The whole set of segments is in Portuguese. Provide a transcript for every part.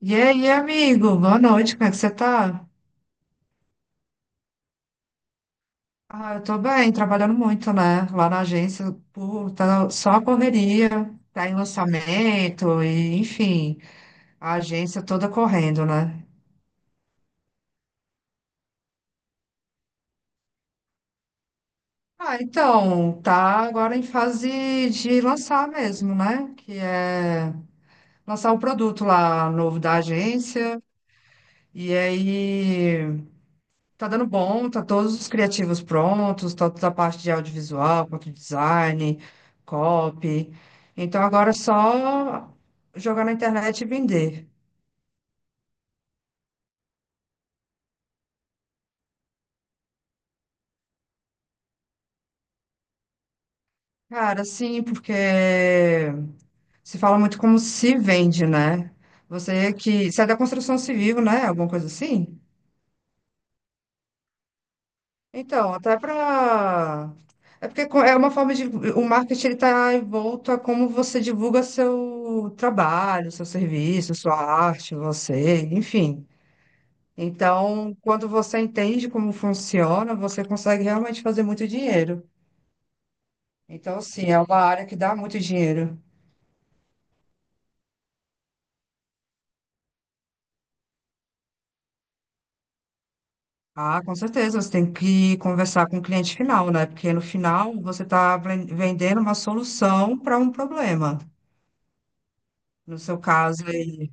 E aí, amigo? Boa noite, como é que você tá? Ah, eu tô bem, trabalhando muito, né? Lá na agência, pô, tá só a correria, tá em lançamento, e, enfim, a agência toda correndo, né? Ah, então, tá agora em fase de lançar mesmo, né? Que é lançar o produto lá novo da agência, e aí. Tá dando bom, tá todos os criativos prontos, tá toda a parte de audiovisual, quanto design, copy. Então agora é só jogar na internet e vender. Cara, sim, porque se fala muito como se vende, né? Você que sai da construção civil, né? Alguma coisa assim? Então, até para. É porque é uma forma de. O marketing ele está envolto a como você divulga seu trabalho, seu serviço, sua arte, você, enfim. Então, quando você entende como funciona, você consegue realmente fazer muito dinheiro. Então, sim, é uma área que dá muito dinheiro. Ah, com certeza, você tem que conversar com o cliente final, né? Porque no final você está vendendo uma solução para um problema. No seu caso aí,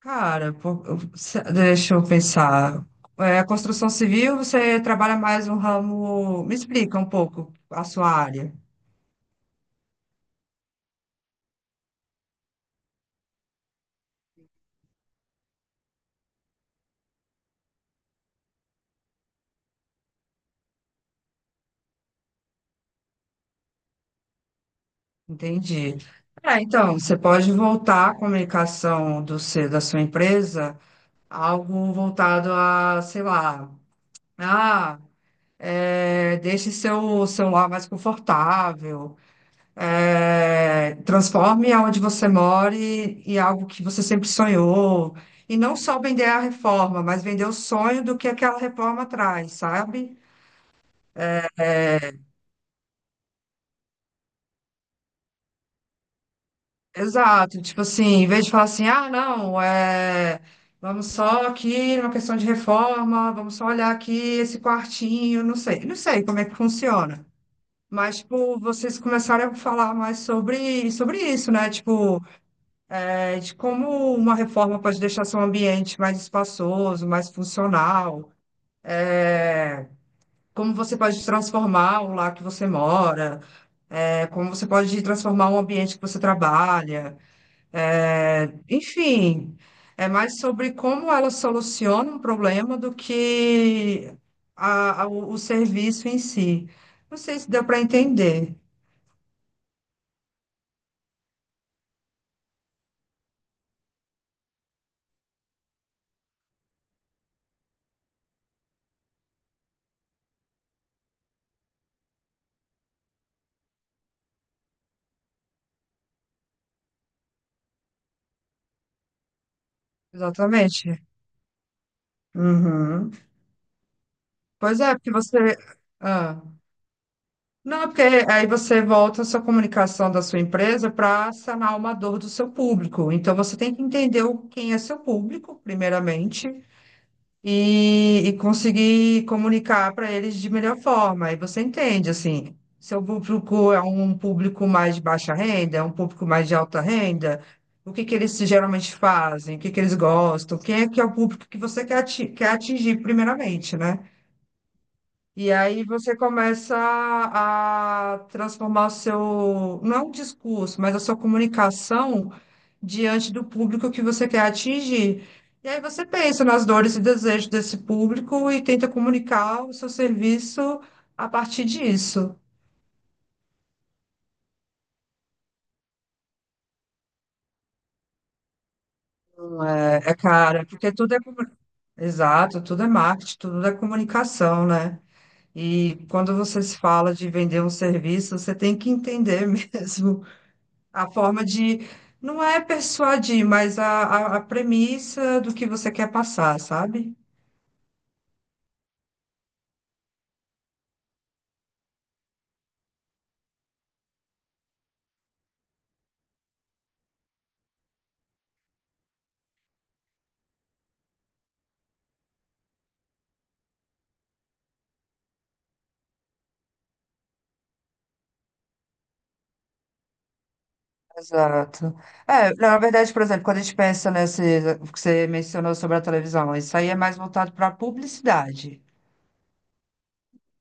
cara, deixa eu pensar. É, construção civil, você trabalha mais um ramo. Me explica um pouco a sua área. Entendi. É, então, você pode voltar a comunicação do seu, da sua empresa algo voltado a, sei lá, ah, é, deixe seu celular mais confortável, é, transforme aonde você mora em algo que você sempre sonhou. E não só vender a reforma, mas vender o sonho do que aquela reforma traz, sabe? Exato, tipo assim, em vez de falar assim, ah, não, é, vamos só aqui numa questão de reforma, vamos só olhar aqui esse quartinho, não sei, não sei como é que funciona. Mas, tipo, vocês começaram a falar mais sobre isso, né? Tipo, é, de como uma reforma pode deixar seu ambiente mais espaçoso, mais funcional, é, como você pode transformar o lar que você mora, é, como você pode transformar o ambiente que você trabalha. É, enfim, é mais sobre como ela soluciona um problema do que o serviço em si. Não sei se deu para entender exatamente. Uhum. Pois é, porque você. Ah. Não, é porque aí você volta a sua comunicação da sua empresa para sanar uma dor do seu público. Então você tem que entender quem é seu público, primeiramente. E conseguir comunicar para eles de melhor forma. Aí você entende, assim, seu público é um público mais de baixa renda, é um público mais de alta renda, o que que eles geralmente fazem, o que que eles gostam, quem é que é o público que você quer atingir primeiramente, né? E aí você começa a transformar o seu, não é um discurso, mas a sua comunicação diante do público que você quer atingir. E aí você pensa nas dores e desejos desse público e tenta comunicar o seu serviço a partir disso. Não. É, é cara, porque exato, tudo é marketing, tudo é comunicação, né? E quando você se fala de vender um serviço, você tem que entender mesmo a forma de, não é persuadir, mas a premissa do que você quer passar, sabe? Exato. É, na verdade, por exemplo, quando a gente pensa nesse que você mencionou sobre a televisão, isso aí é mais voltado para publicidade,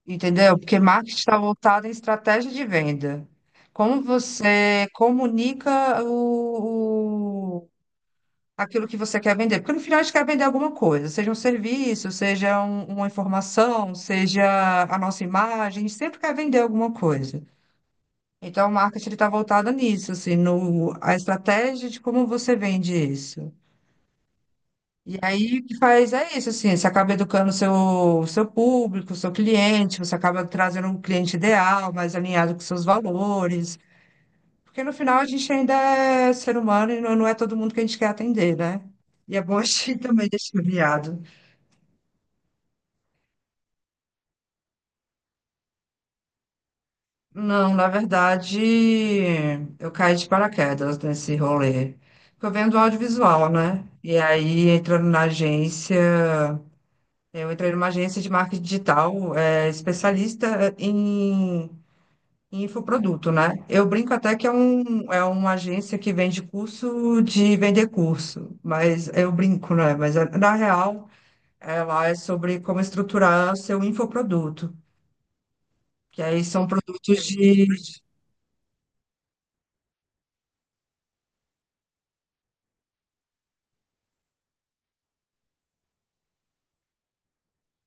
entendeu? Porque marketing está voltado em estratégia de venda. Como você comunica aquilo que você quer vender. Porque no final a gente quer vender alguma coisa, seja um serviço, seja uma informação, seja a nossa imagem, a gente sempre quer vender alguma coisa. Então, o marketing está voltado nisso, assim, no, a estratégia de como você vende isso. E aí, o que faz é isso, assim, você acaba educando o seu público, o seu cliente, você acaba trazendo um cliente ideal, mais alinhado com seus valores. Porque no final a gente ainda é ser humano e não é todo mundo que a gente quer atender, né? E é bom a gente também deixar viado. Não, na verdade, eu caí de paraquedas nesse rolê. Porque eu venho do audiovisual, né? E aí, entrando na agência, eu entrei numa agência de marketing digital, é, especialista em, em infoproduto, né? Eu brinco até que é, um, é uma agência que vende curso de vender curso, mas eu brinco, né? Mas na real. Ela é sobre como estruturar o seu infoproduto, que aí são produtos de...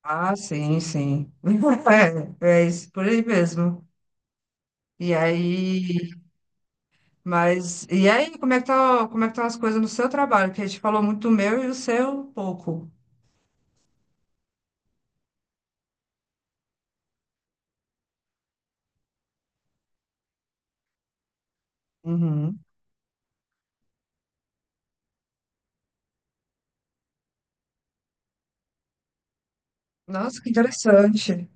Ah, sim, sim. É, é isso, por aí mesmo. E aí, mas, e aí, como é que tá, como é que estão as coisas no seu trabalho? Que a gente falou muito do meu e o seu pouco. Uhum. Nossa, que interessante.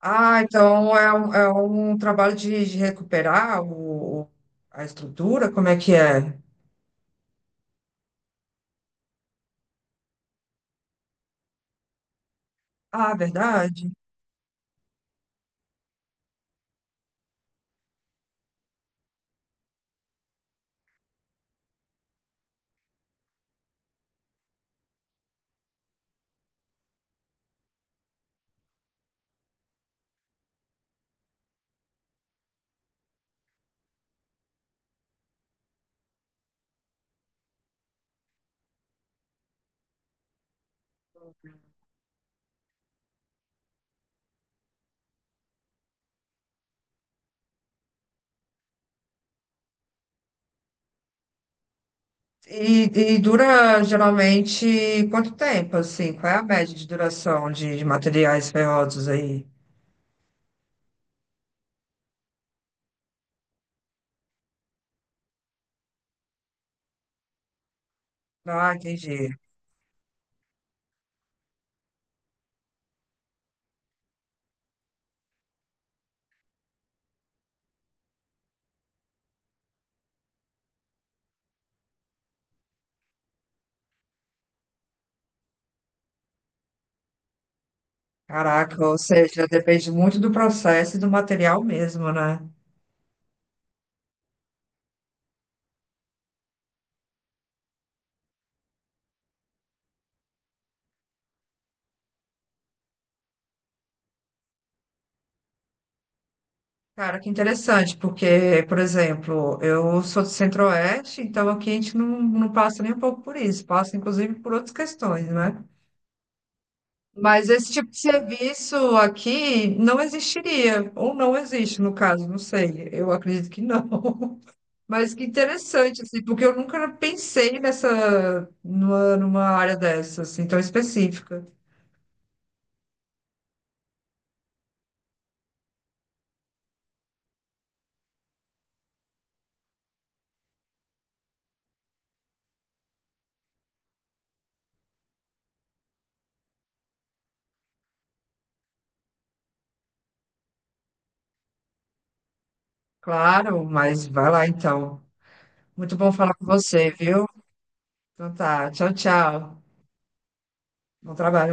Ah, então é um trabalho de recuperar a estrutura? Como é que é? Ah, verdade. E dura geralmente quanto tempo, assim? Qual é a média de duração de materiais ferrosos aí? Ah, entendi. Caraca, ou seja, depende muito do processo e do material mesmo, né? Cara, que interessante, porque, por exemplo, eu sou do Centro-Oeste, então aqui a gente não, não passa nem um pouco por isso, passa inclusive por outras questões, né? Mas esse tipo de serviço aqui não existiria, ou não existe, no caso, não sei, eu acredito que não. Mas que interessante, assim, porque eu nunca pensei nessa, numa, numa área dessa, assim, tão específica. Claro, mas vai lá então. Muito bom falar com você, viu? Então tá, tchau, tchau. Bom trabalho.